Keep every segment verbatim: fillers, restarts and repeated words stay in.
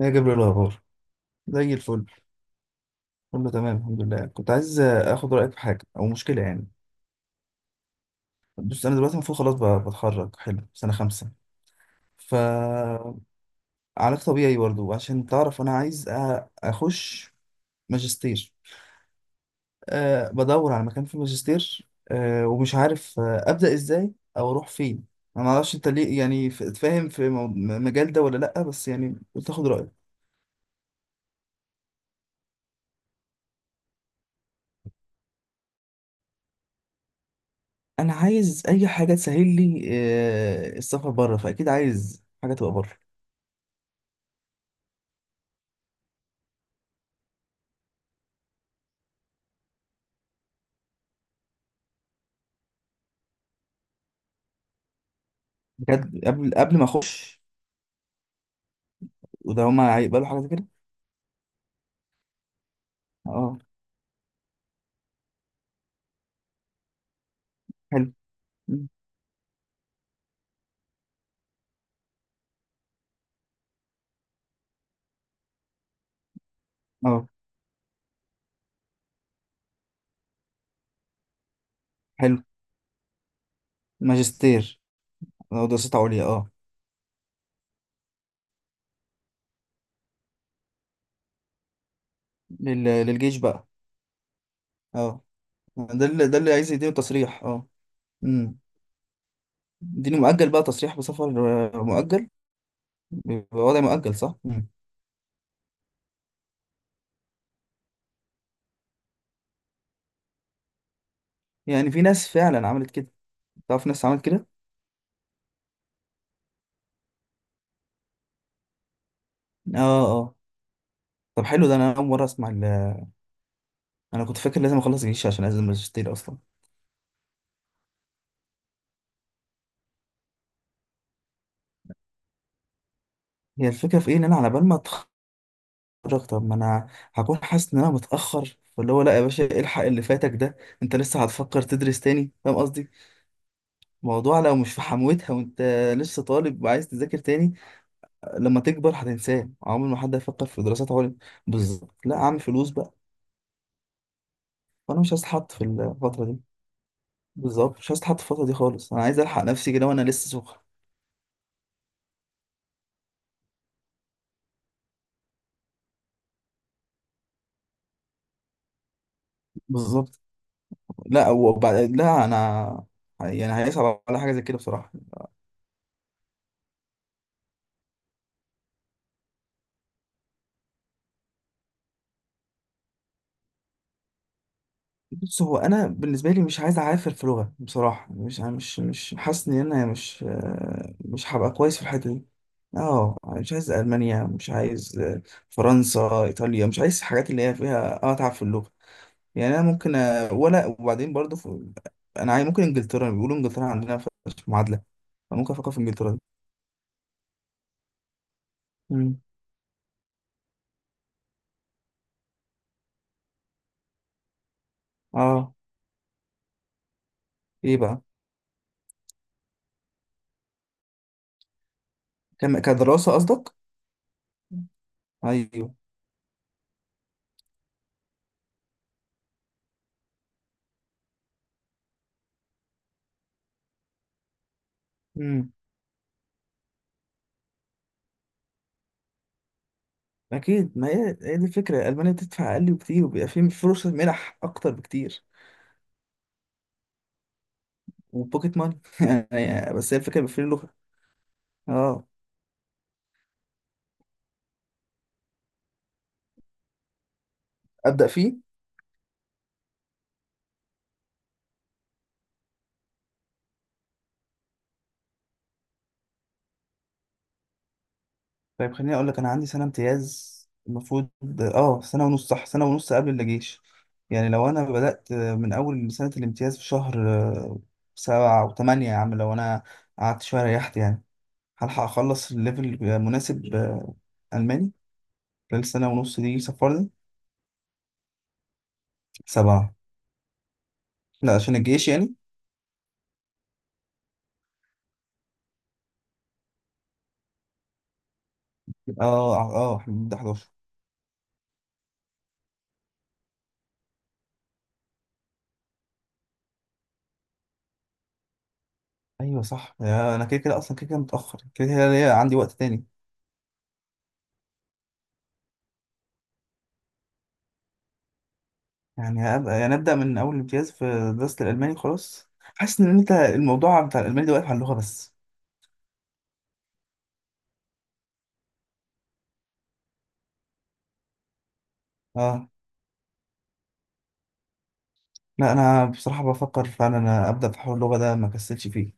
يا جبل الأخبار، زي الفل. كله تمام الحمد لله. كنت عايز آخد رأيك في حاجة أو مشكلة يعني. بص، أنا دلوقتي المفروض خلاص ب- بتخرج، حلو، سنة خمسة ف علاج طبيعي برضه عشان تعرف. أنا عايز أ- أخش ماجستير. أه، بدور على مكان في ماجستير. أه، ومش عارف آه، أبدأ إزاي أو أروح فين. أنا معرفش أنت ليه يعني ف- فاهم في مو- م- مجال ده ولا لأ، بس يعني قلت آخد رأيك. أنا عايز أي حاجة تسهل لي أه السفر بره، فأكيد عايز حاجة تبقى بره. بجد، قبل قبل ما اخش؟ وده هما هيقبلوا حاجه زي كده؟ اه. حلو. مم. اه، حلو. ماجستير، اه، دراسات عليا اه. لل... للجيش بقى. اه. ده اللي ده اللي عايز يديله تصريح اه. امم. يديله مؤجل بقى، تصريح بسفر. آه، مؤجل. بيبقى وضع مؤجل صح. مم. يعني في ناس فعلا عملت كده؟ تعرف ناس عملت كده؟ اه، اه. طب حلو، ده انا اول مره اسمع ال... انا كنت فاكر لازم اخلص جيش عشان انزل ماجستير اصلا. هي الفكره في ايه، ان انا على بال ما اتفرج، طب ما انا هكون حاسس ان انا متاخر، فاللي هو لا يا باشا إيه الحق اللي فاتك ده. انت لسه هتفكر تدرس تاني، فاهم قصدي؟ الموضوع لو مش في حموتها وانت لسه طالب وعايز تذاكر تاني، لما تكبر هتنساه. عمر ما حد هيفكر في دراسات عليا. بالظبط، لا اعمل فلوس بقى. وانا مش عايز اتحط في الفتره دي. بالظبط، مش عايز اتحط في الفتره دي خالص. انا عايز الحق نفسي كده وانا لسه سخن. بالظبط. لا، وبعد لا انا يعني هيصعب على حاجه زي كده بصراحه. بص، هو انا بالنسبه لي مش عايز اعافر في لغه بصراحه. مش مش مش حاسس ان انا مش آه، مش هبقى كويس في الحته دي. اه، مش عايز المانيا. مش عايز آه، فرنسا، ايطاليا. مش عايز الحاجات اللي هي فيها آه، اتعب في اللغه. يعني انا ممكن آه، ولا، وبعدين برضو في، انا عايز، ممكن انجلترا، بيقولوا انجلترا عندنا في معادله. فممكن افكر في انجلترا دي. مم. اه. ايه بقى؟ كم- كدراسه قصدك؟ ايوه. مم. اكيد، ما هي هي دي الفكره، المانيا بتدفع اقل بكتير وبيبقى في فرصه منح اكتر بكتير. وبوكيت ماني يعني. بس هي الفكره بيبقى في اللغه. اه، ابدا فيه. طيب، خليني اقول لك، انا عندي سنه امتياز المفروض. اه، سنه ونص صح، سنه ونص قبل الجيش. يعني لو انا بدات من اول سنه الامتياز في شهر آه، سبعة او تمانية، يا عم لو انا قعدت شويه ريحت يعني، هلحق اخلص الليفل مناسب آه، الماني خلال السنه ونص دي. سفرني. سبعة. لا، عشان الجيش يعني. اه اه اه، احنا بنبدأ حداشر. ايوه صح. يا انا كده كده اصلا، كده كده متأخر، كده كده ليا عندي وقت تاني. يعني هبقى يعني ابدأ من اول امتياز في دراسة الالماني خلاص. حاسس ان انت الموضوع بتاع الالماني ده واقف على اللغة بس. اه. لا، انا بصراحة بفكر فعلا انا ابدأ في حوار اللغة ده، ما كسلش فيه.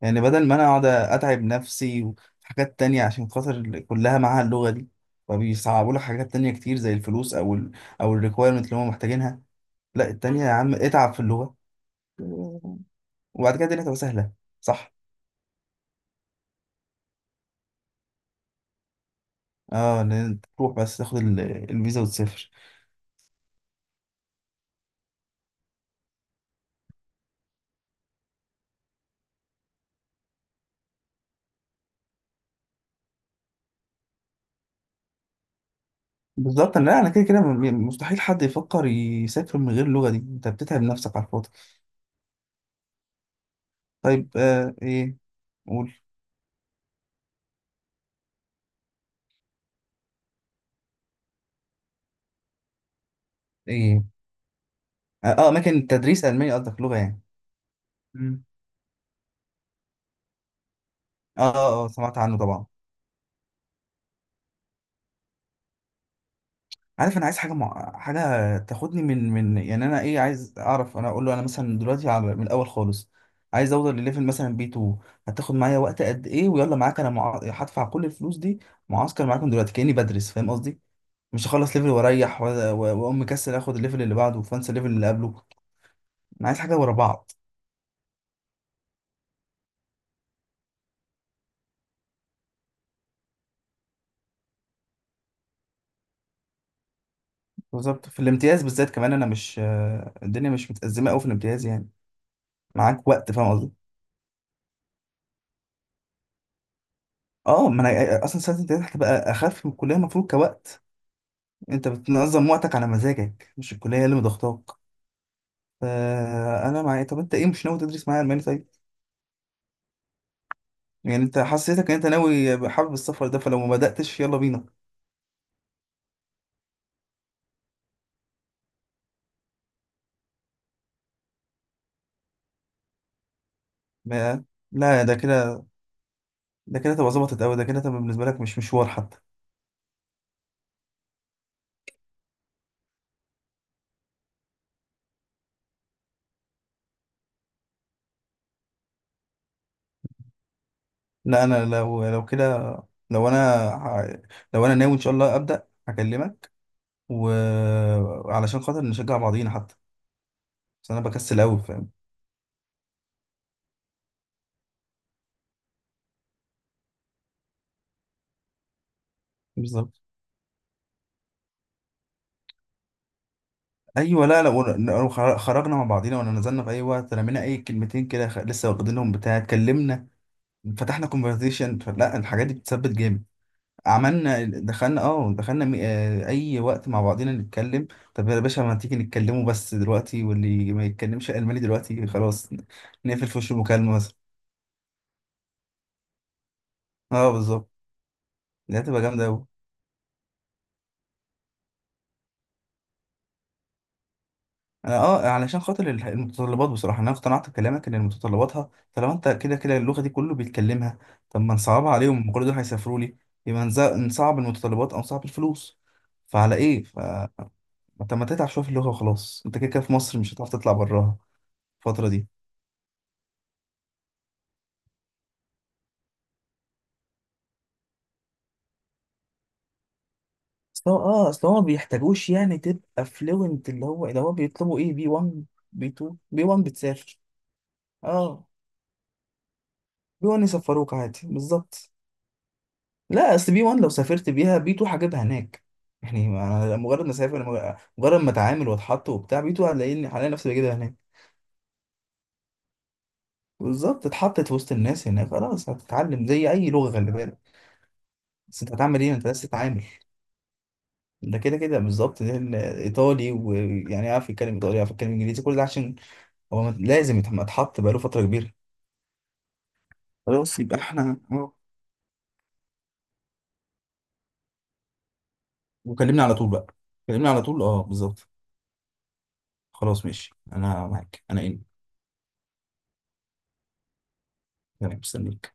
يعني بدل ما انا اقعد اتعب نفسي وحاجات تانية عشان خاطر ال- كلها معاها اللغة دي، فبيصعبوا لك حاجات تانية كتير زي الفلوس او ال، او الريكويرمنت اللي هم محتاجينها. لا، التانية يا عم، اتعب في اللغة. وبعد كده الدنيا تبقى سهله، صح. اه، ان انت تروح بس تاخد ال- الفيزا وتسافر. بالظبط. لا، انا كده كده م- مستحيل حد يفكر يسافر من غير اللغه دي. انت بتتعب نفسك على الفاضي. طيب، آه ايه، قول ايه. اه آه، اماكن تدريس الماني قصدك، لغه يعني. مم. اه، اه آه، سمعت عنه طبعا. عارف، انا عايز حاجه مع... حاجه تاخدني من من يعني انا ايه، عايز اعرف، انا اقول له انا مثلا دلوقتي على من الاول خالص، عايز اوصل لليفل مثلا بي تو، هتاخد معايا وقت قد ايه؟ ويلا معاك انا مع... هدفع كل الفلوس دي، معسكر معاكم دلوقتي كاني بدرس، فاهم قصدي؟ مش هخلص ليفل واريح و- و- واقوم مكسل اخد الليفل اللي بعده وفانسى الليفل اللي قبله. انا عايز حاجه ورا بعض. بالظبط، في الامتياز بالذات كمان انا مش آه، الدنيا مش متأزمه قوي في الامتياز يعني. معاك وقت، فاهم قصدي؟ اه، ما انا اصلا سنه الامتياز هتبقى اخف من الكليه المفروض كوقت. انت بتنظم وقتك على مزاجك، مش الكليه اللي مضغطاك. فانا معايا. طب انت ايه، مش ناوي تدرس معايا الماني طيب؟ يعني انت حسيتك ان انت ناوي حابب السفر ده، فلو ما بداتش يلا بينا. ما- لا، ده كده، ده كده تبقى ظبطت قوي. ده كده تبقى بالنسبه لك مش مشوار حتى. لا انا، لو لو كده، لو انا ه- لو انا ناوي ان شاء الله ابدا هكلمك، وعلشان خاطر نشجع بعضينا حتى. بس انا بكسل قوي، فاهم. بالظبط. ايوه. لا لا، ون- لو خر- خرجنا مع بعضينا ولا نزلنا في اي وقت رمينا اي كلمتين كده، خ- لسه واخدينهم بتاع اتكلمنا، فتحنا كونفرزيشن. لا، الحاجات دي بتثبت جامد. عملنا دخلنا، اه دخلنا مي- آه، اي وقت مع بعضينا نتكلم. طب يا باشا، ما تيجي نتكلموا بس دلوقتي، واللي ما يتكلمش الماني دلوقتي خلاص نقفل في وش المكالمه مثلا. اه بالظبط، دي هتبقى جامده قوي. انا اه علشان خاطر ال- المتطلبات بصراحه، انا اقتنعت بكلامك ان متطلباتها، طالما انت كده كده اللغه دي كله بيتكلمها. طب ما نصعبها عليهم، هم كل دول هيسافروا لي، يبقى نز- نصعب المتطلبات او نصعب الفلوس. فعلى ايه ف ما- طب ما تتعب شويه في اللغه وخلاص. انت كده كده في مصر مش هتعرف تطلع براها الفتره دي. اصل هو اه اصل هو ما بيحتاجوش يعني تبقى فلوينت. اللي هو اللي هو بيطلبوا ايه، بي وان، بي تو. بي وان بتسافر. اه، بي وان يسفروك عادي بالظبط. لا، اصل بي وان لو سافرت بيها، بي تو هجيبها هناك. يعني ما انا مجرد ما اسافر، مج- مجرد ما اتعامل واتحط وبتاع، بي تو هلاقيني هلاقي نفسي بجيبها هناك. بالظبط. اتحطت وسط الناس هناك خلاص، هتتعلم زي اي لغه خلي بالك. بس انت هتعمل ايه، انت بس تتعامل. ده كده كده بالظبط، ده ال- ايطالي ويعني يعرف يتكلم ايطالي، يعرف يتكلم انجليزي، كل ده عشان هو مت- لازم يتح- اتحط بقاله فتره كبيره. خلاص يبقى احنا اه، وكلمني على طول بقى. كلمني على طول، اه بالظبط. خلاص ماشي، انا معاك. انا ان، تمام، مستنيك.